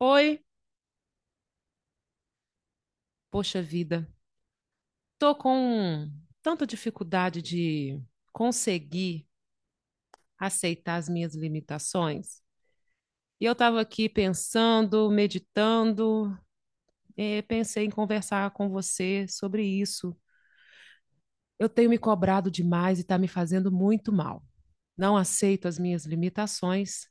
Oi, poxa vida, tô com tanta dificuldade de conseguir aceitar as minhas limitações. E eu estava aqui pensando, meditando, pensei em conversar com você sobre isso. Eu tenho me cobrado demais e está me fazendo muito mal. Não aceito as minhas limitações,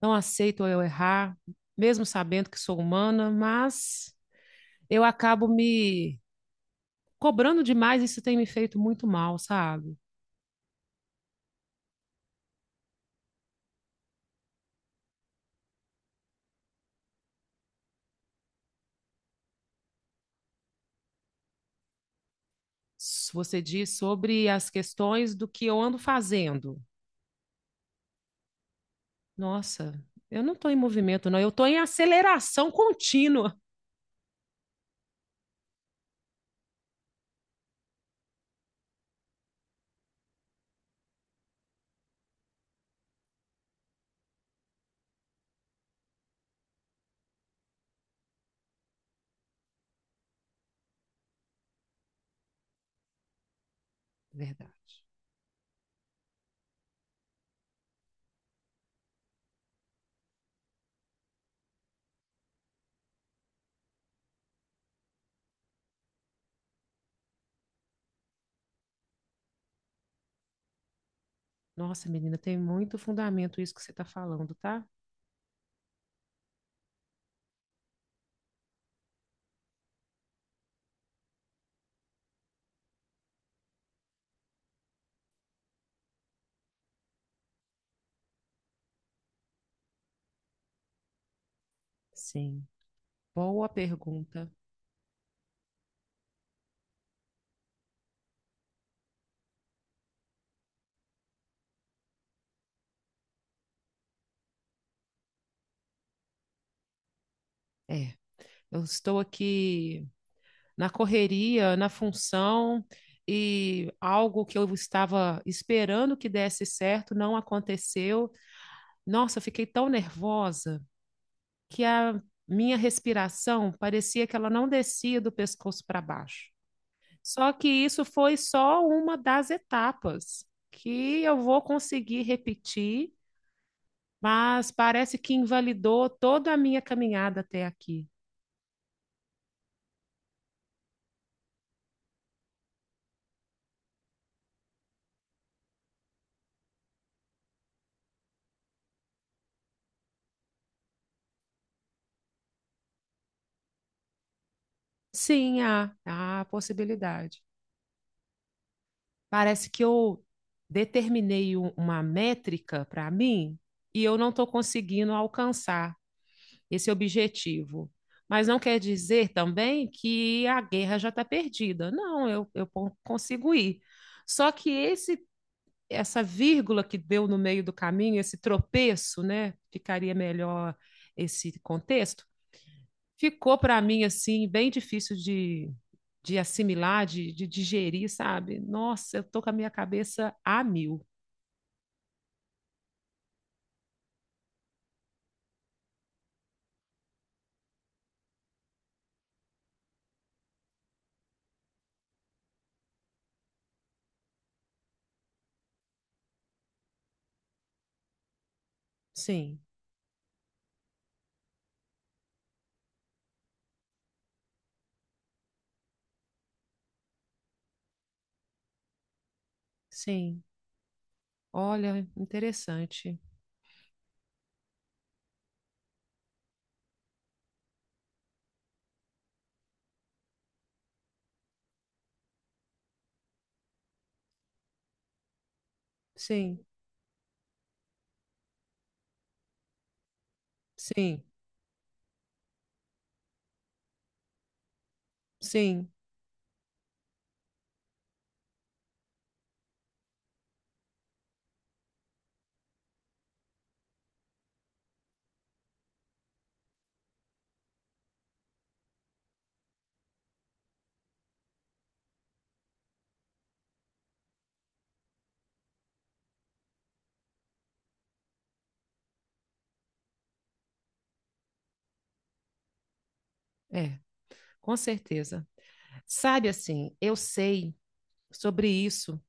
não aceito eu errar, mesmo sabendo que sou humana, mas eu acabo me cobrando demais e isso tem me feito muito mal, sabe? Você diz sobre as questões do que eu ando fazendo. Nossa, eu não estou em movimento, não. Eu estou em aceleração contínua. Verdade. Nossa, menina, tem muito fundamento isso que você está falando, tá? Sim. Boa pergunta. É, eu estou aqui na correria, na função, e algo que eu estava esperando que desse certo não aconteceu. Nossa, eu fiquei tão nervosa que a minha respiração parecia que ela não descia do pescoço para baixo. Só que isso foi só uma das etapas que eu vou conseguir repetir, mas parece que invalidou toda a minha caminhada até aqui. Sim, há possibilidade. Parece que eu determinei uma métrica para mim e eu não estou conseguindo alcançar esse objetivo. Mas não quer dizer também que a guerra já está perdida. Não, eu consigo ir. Só que esse essa vírgula que deu no meio do caminho, esse tropeço, né? Ficaria melhor esse contexto. Ficou para mim assim bem difícil de assimilar, de digerir, sabe? Nossa, eu tô com a minha cabeça a mil. Sim, sim. Olha, interessante. Sim, sim, sim. É. Com certeza. Sabe assim, eu sei sobre isso,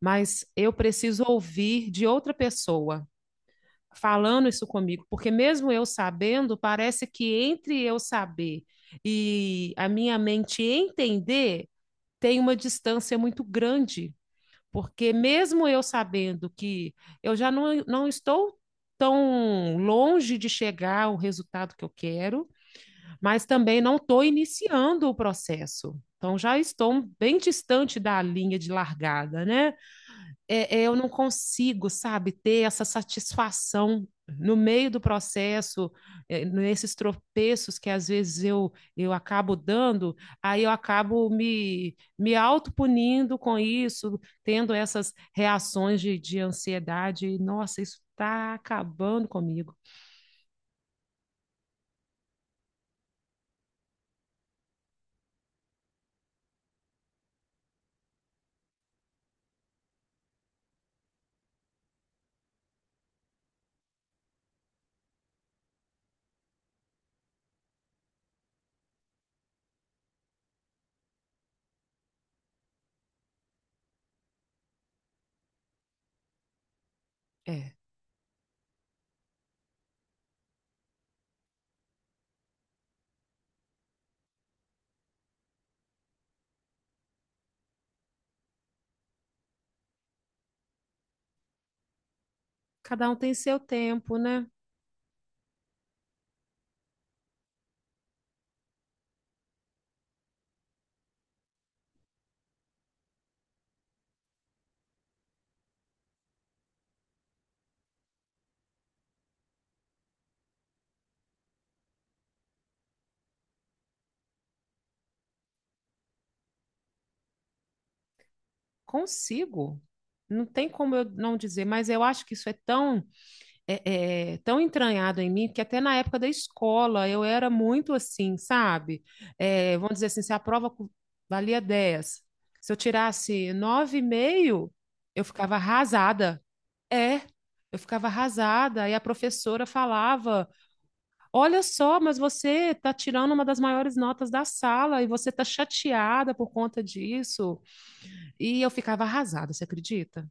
mas eu preciso ouvir de outra pessoa falando isso comigo, porque mesmo eu sabendo, parece que entre eu saber e a minha mente entender, tem uma distância muito grande, porque mesmo eu sabendo que eu já não estou tão longe de chegar ao resultado que eu quero, mas também não estou iniciando o processo. Então, já estou bem distante da linha de largada, né? É, eu não consigo, sabe, ter essa satisfação no meio do processo, nesses tropeços que às vezes eu acabo dando, aí eu acabo me autopunindo com isso, tendo essas reações de ansiedade. Nossa, isso está acabando comigo. É, cada um tem seu tempo, né? Consigo. Não tem como eu não dizer, mas eu acho que isso é tão, tão entranhado em mim que até na época da escola eu era muito assim, sabe? É, vamos dizer assim, se a prova valia 10, se eu tirasse 9,5, eu ficava arrasada. É, eu ficava arrasada. E a professora falava: Olha só, mas você está tirando uma das maiores notas da sala e você está chateada por conta disso. E eu ficava arrasada, você acredita?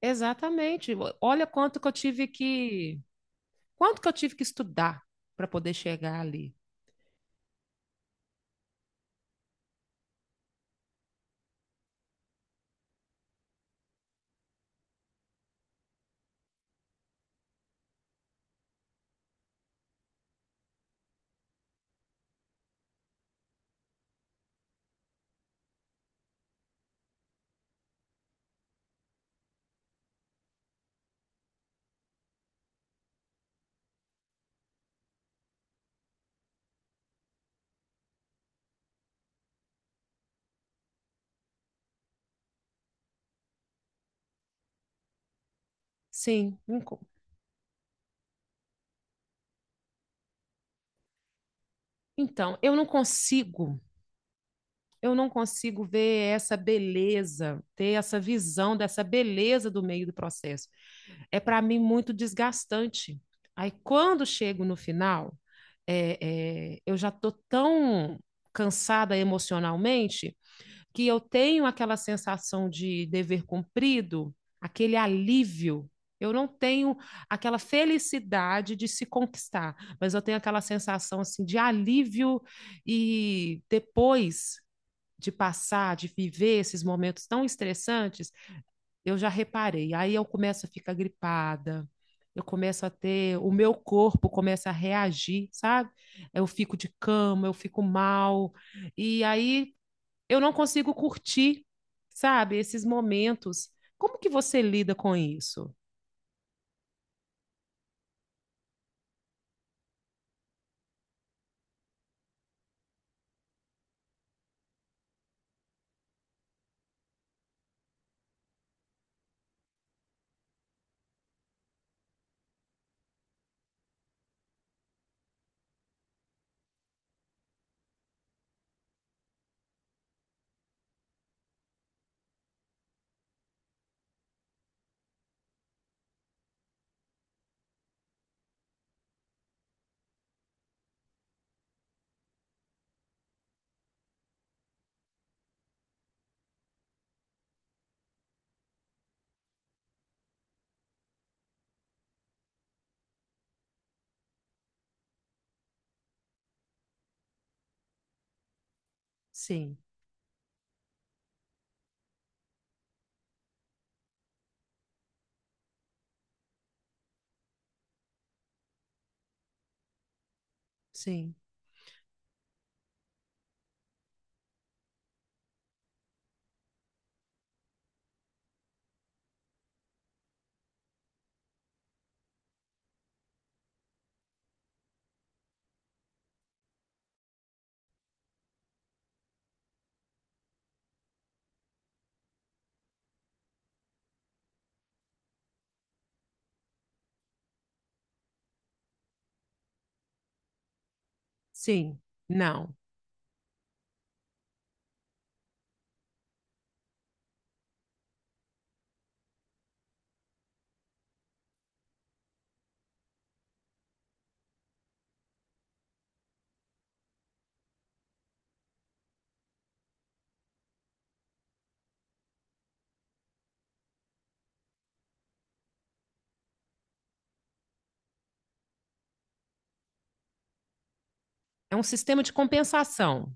Exatamente. Olha quanto que eu tive que estudar para poder chegar ali. Sim. Então, eu não consigo ver essa beleza, ter essa visão dessa beleza do meio do processo. É para mim muito desgastante. Aí, quando chego no final, eu já tô tão cansada emocionalmente que eu tenho aquela sensação de dever cumprido, aquele alívio. Eu não tenho aquela felicidade de se conquistar, mas eu tenho aquela sensação assim de alívio e depois de passar, de viver esses momentos tão estressantes, eu já reparei. Aí eu começo a ficar gripada, eu começo a ter, o meu corpo começa a reagir, sabe? Eu fico de cama, eu fico mal. E aí eu não consigo curtir, sabe, esses momentos. Como que você lida com isso? Sim, sim, sim. Não. É um sistema de compensação.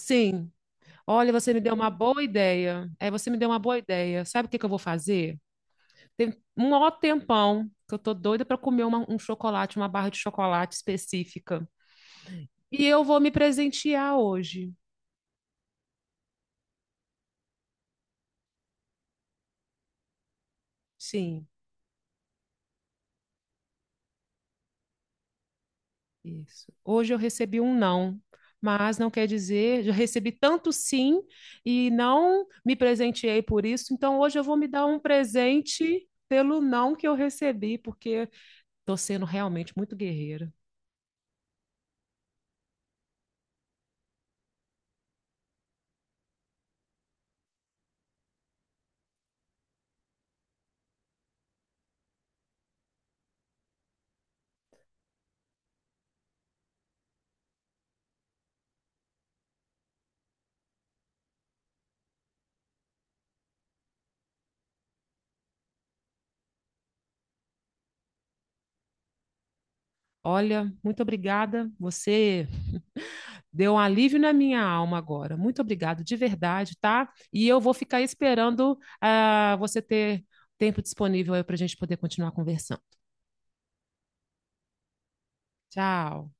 Sim. Olha, você me deu uma boa ideia. É, você me deu uma boa ideia. Sabe o que que eu vou fazer? Tem um ó tempão que eu tô doida para comer um chocolate, uma barra de chocolate específica. E eu vou me presentear hoje. Sim. Isso. Hoje eu recebi um não, mas não quer dizer, eu recebi tanto sim e não me presenteei por isso, então hoje eu vou me dar um presente pelo não que eu recebi, porque estou sendo realmente muito guerreira. Olha, muito obrigada. Você deu um alívio na minha alma agora. Muito obrigado, de verdade, tá? E eu vou ficar esperando você ter tempo disponível aí para a gente poder continuar conversando. Tchau.